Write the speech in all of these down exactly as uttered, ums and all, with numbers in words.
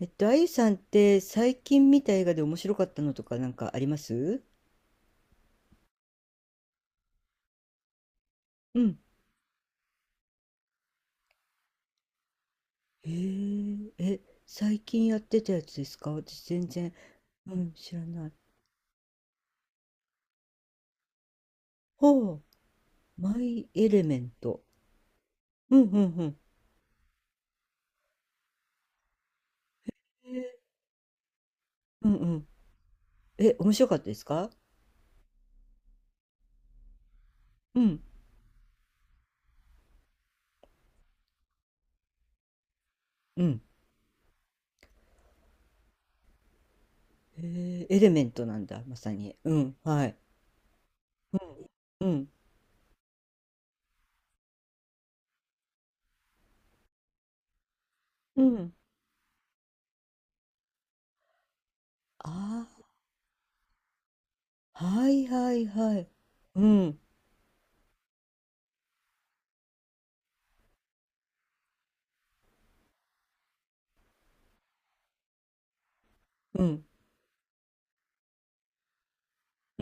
えっと、あゆさんって最近見た映画で面白かったのとかなんかあります？うん。へえ、え、最近やってたやつですか？私、全然、うん、知らない。ほう、マイ・エレメント。うんうんうん。へえ、うんうん。え、面白かったですか？うん、うん。へえ、エレメントなんだ、まさに。うん、はい。うん、うん。ああ、はいはいはい。うん、うん、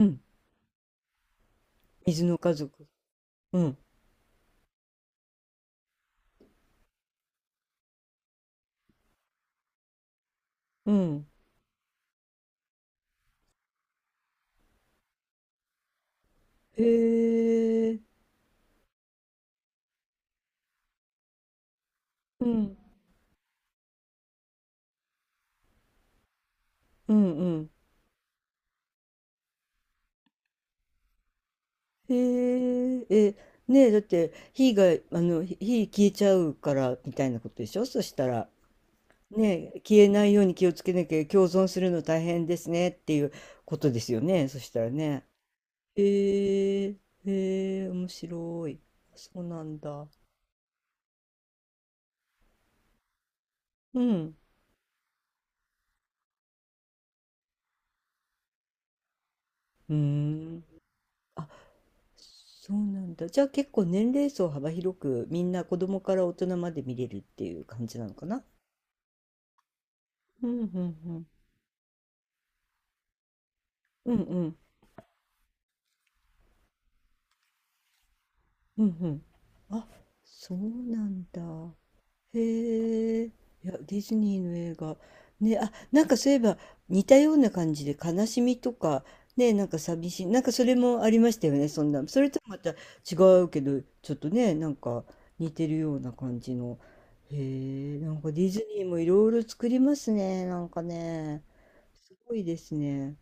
うん。水の家族。うん、うん。へえ。うん、うんうん、へええ。ねえ、だって火があの火火消えちゃうからみたいなことでしょ？そしたらね、え消えないように気をつけなきゃ、共存するの大変ですねっていうことですよね、そしたらね。へえ。へえ、面白い。そうなんだ。うん、うーん。あ、そうなんだ。じゃあ結構年齢層幅広くみんな子供から大人まで見れるっていう感じなのかな？うんうんうんうんうんうん。あ、そうなんだ。へえ。いや、ディズニーの映画。ね、あ、なんかそういえば似たような感じで悲しみとか、ね、なんか寂しい。なんかそれもありましたよね、そんな。それとまた違うけど、ちょっとね、なんか似てるような感じの。へえ、なんかディズニーもいろいろ作りますね、なんかね。すごいですね。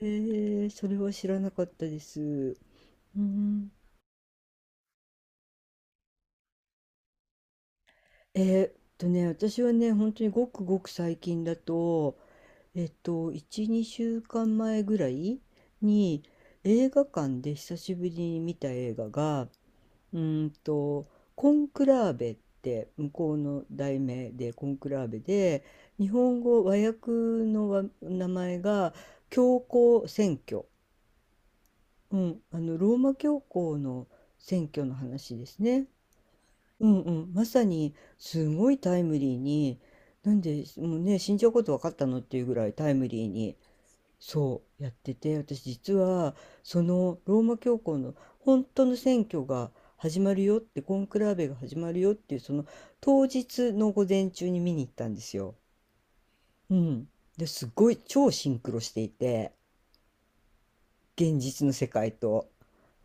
へえ、それは知らなかったです。うん。えーっとね、私はね、本当にごくごく最近だと、えっと、いち、にしゅうかんまえぐらいに映画館で久しぶりに見た映画が、うーんと、コンクラーベって向こうの題名でコンクラーベで、日本語和訳のわ名前が教皇選挙。うん、あの、ローマ教皇の選挙の話ですね。うんうん、まさにすごいタイムリーに、なんでもうね、死んじゃうこと分かったのっていうぐらいタイムリーにそうやってて、私実はそのローマ教皇の本当の選挙が始まるよって、コンクラーベが始まるよっていうその当日の午前中に見に行ったんですよ。うん。で、すっごい超シンクロしていて、現実の世界と。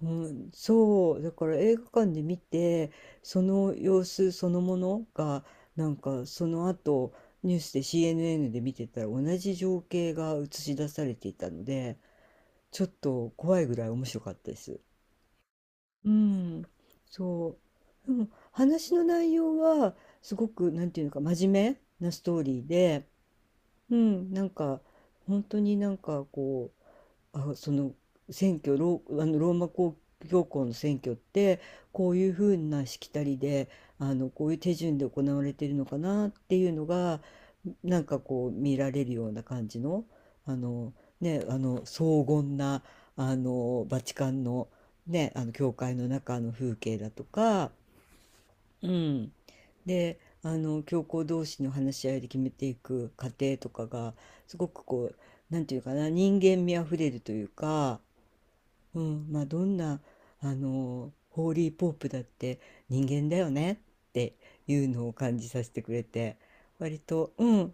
うん、そうだから映画館で見てその様子そのものがなんかその後ニュースで シーエヌエヌ で見てたら同じ情景が映し出されていたので、ちょっと怖いぐらい面白かったです。うん、そう。でも話の内容はすごくなんていうのか真面目なストーリーで、うん、なんか本当になんかこあその選挙ロー、あのローマ公教皇の選挙ってこういうふうなしきたりであのこういう手順で行われているのかなっていうのがなんかこう見られるような感じの、あのね、あの荘厳なあのバチカンのね、あの教会の中の風景だとか。うん。で、あの、教皇同士の話し合いで決めていく過程とかが、すごくこう、なんていうかな、人間味あふれるというか、うん、まあ、どんな、あの、ホーリーポープだって人間だよねっていうのを感じさせてくれて、割と、うん、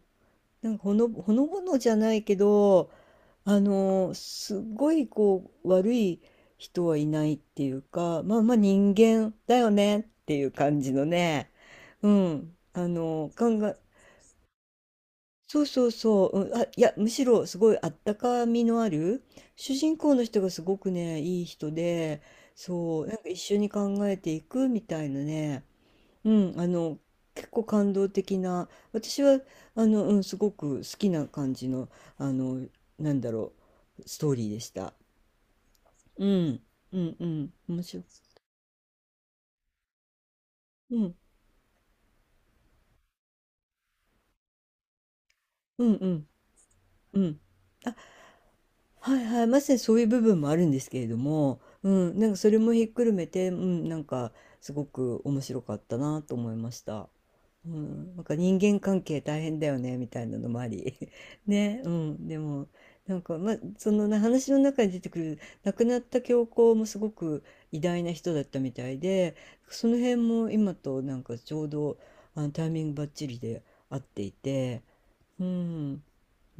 なんかほの、ほのぼのじゃないけど、あの、すごいこう、悪い人はいないっていうか、まあまあ人間だよねっていう感じのね、うん、あの、考え、そうそうそう、うん、あ、いや、むしろすごいあったかみのある、主人公の人がすごくね、いい人で、そう、なんか一緒に考えていくみたいなね、うん、あの、結構感動的な、私は、あの、うん、すごく好きな感じの、あの、なんだろう、ストーリーでした。うん、うん、うん、面白い。うん、うん、うん、うん。あ、はいはい、まさにそういう部分もあるんですけれども、うん、なんかそれもひっくるめて、うん、なんかすごく面白かったなと思いました。うん、なんか人間関係大変だよねみたいなのもあり ね、うん、でもなんか、ま、そのな話の中に出てくる亡くなった教皇もすごく偉大な人だったみたいで、その辺も今となんかちょうどあのタイミングばっちりで合っていて、うん、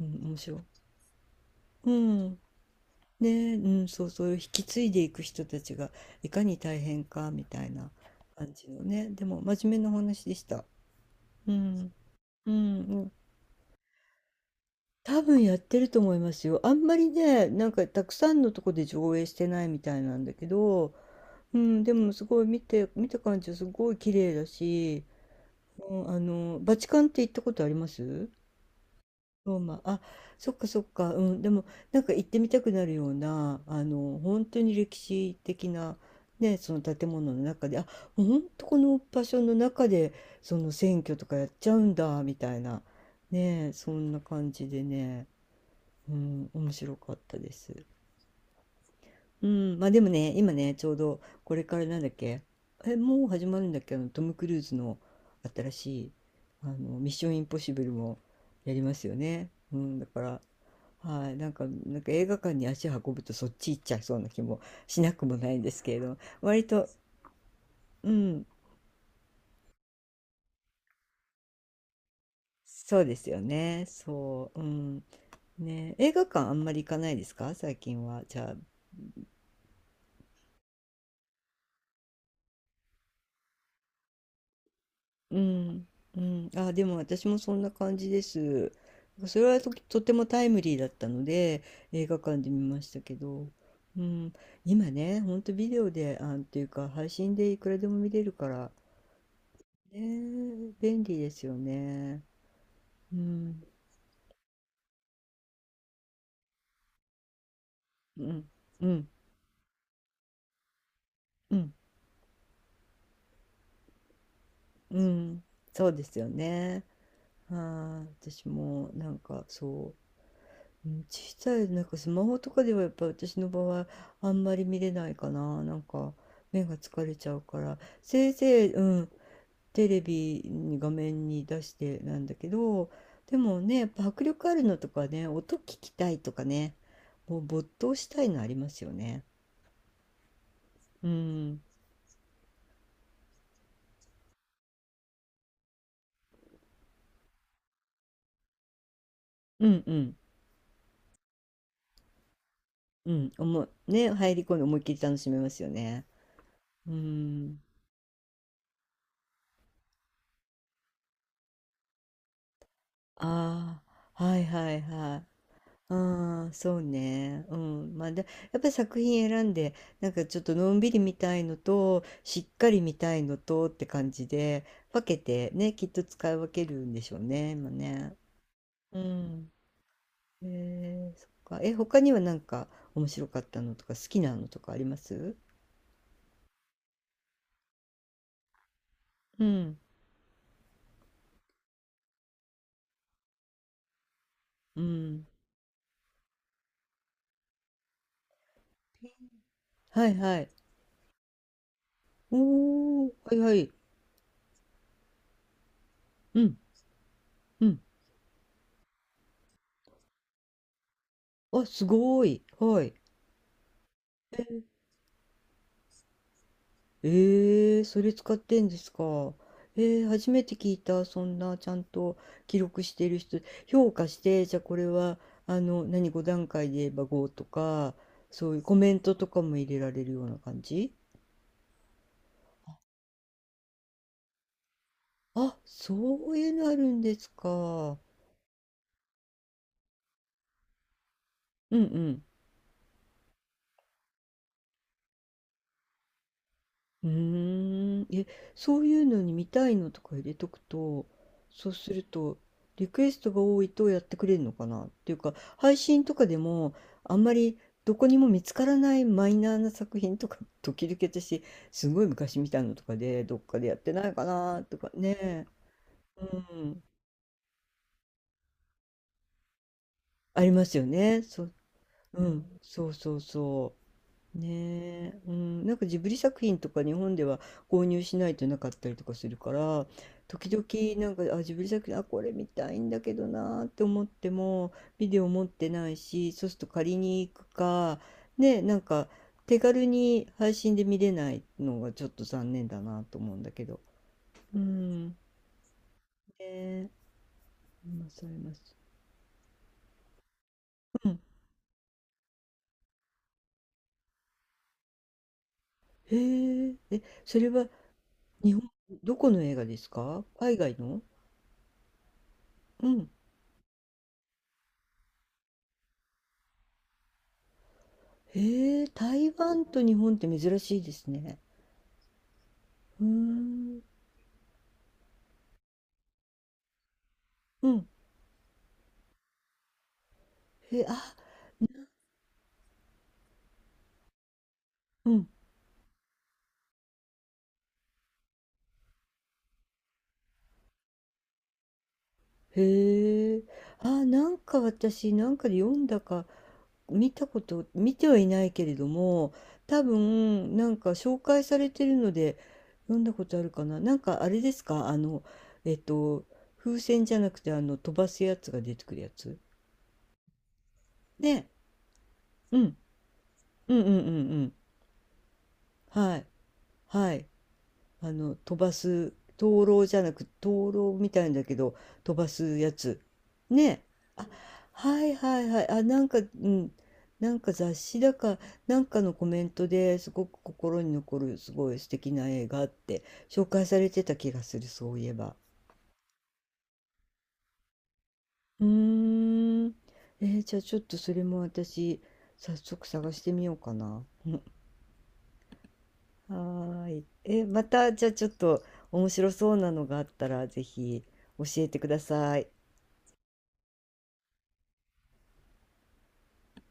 うん、面白い。うんね、うん、そうそういう引き継いでいく人たちがいかに大変かみたいな感じのね、でも真面目なお話でした。うん、うん、多分やってると思いますよ。あんまりね、なんかたくさんのとこで上映してないみたいなんだけど、うん、でもすごい見て、見た感じはすごい綺麗だし、うん、あの、バチカンって行ったことあります？ローマ。あ、そっかそっか、うん、でもなんか行ってみたくなるような、あの、本当に歴史的な、ね、その建物の中で、あ、もう本当この場所の中で、その選挙とかやっちゃうんだ、みたいな、ね、そんな感じでね。うん、面白かったです。うん、まあでもね、今ね、ちょうどこれからなんだっけ、え、もう始まるんだっけ、あのトム・クルーズの新しい、あの、ミッション・インポッシブルもやりますよね。うん、だから、はい、なんか、なんか映画館に足を運ぶとそっち行っちゃいそうな気もしなくもないんですけれど、割と、うん、そうですよね、そう、うん、ね、映画館あんまり行かないですか、最近は。じゃあ、うん、うん、あ、でも私もそんな感じです。それはと、とてもタイムリーだったので映画館で見ましたけど、うん、今ね、ほんとビデオで、あ、っていうか配信でいくらでも見れるから、ねえ、便利ですよね。うん、うん、うん、うん、うん、そうですよね。はい、私もなんかそう。うん、小さいなんかスマホとかではやっぱ私の場合あんまり見れないかな。なんか目が疲れちゃうから、せいぜい、うん、テレビに画面に出してなんだけど、でもね、やっぱ迫力あるのとかね、音聞きたいとかね、もう没頭したいのありますよね。うん、うんうん、うん、おも、ね、入り込んで思いっきり楽しめますよね。うん、ああ、はいはいはい。ああ、そうね。うん。まあ、で、やっぱり作品選んで、なんかちょっとのんびり見たいのと、しっかり見たいのとって感じで、分けてね、きっと使い分けるんでしょうね、今ね。うん。えー、そっか。え、他にはなんか面白かったのとか、好きなのとかあります？うん。うん。はいはい。おー、はいはい。うん、うん。あ、すごい。はい。ええ、それ使ってんですか？ええ、初めて聞いた。そんなちゃんと記録している人、評価して、じゃあこれは、あの、何、ごだんかい段階で言えばごとか、そういうコメントとかも入れられるような感じ？あ、そういうのあるんですか？うんうん。うーん、え、そういうのに見たいのとか入れとくと、そうすると、リクエストが多いとやってくれるのかなっていうか、配信とかでも、あんまりどこにも見つからないマイナーな作品とか、時々私、すごい昔見たのとかで、どっかでやってないかなとかね、うん、ありますよね。そう、うん、そうそうそう。ねえ、うん、なんかジブリ作品とか日本では購入しないとなかったりとかするから、時々なんか、あ、ジブリ作品、あ、これ見たいんだけどなーって思ってもビデオ持ってないし、そうすると借りに行くかね、なんか手軽に配信で見れないのがちょっと残念だなと思うんだけど。うん。ねえ、今されます？うん。へええ、それは日本、どこの映画ですか、海外の？うん。へえ、台湾と日本って珍しいですね。うーん。うん。へ、あ、うん。へえ。あ、なんか私、なんかで読んだか、見たこと、見てはいないけれども、多分、なんか紹介されてるので、読んだことあるかな。なんかあれですか、あの、えっと、風船じゃなくて、あの、飛ばすやつが出てくるやつ。ね。うん。うんうんうんうん。はい。はい。あの飛ばす灯籠じゃなく、灯籠みたいんだけど、飛ばすやつね。あ、はいはいはい。あ、なんか、うん、なんか雑誌だかなんかのコメントですごく心に残るすごい素敵な映画って紹介されてた気がする、そういえば。うーん。えーじゃあちょっとそれも私、早速探してみようかな。はーい。え、また、じゃあちょっと面白そうなのがあったら、ぜひ教えてください。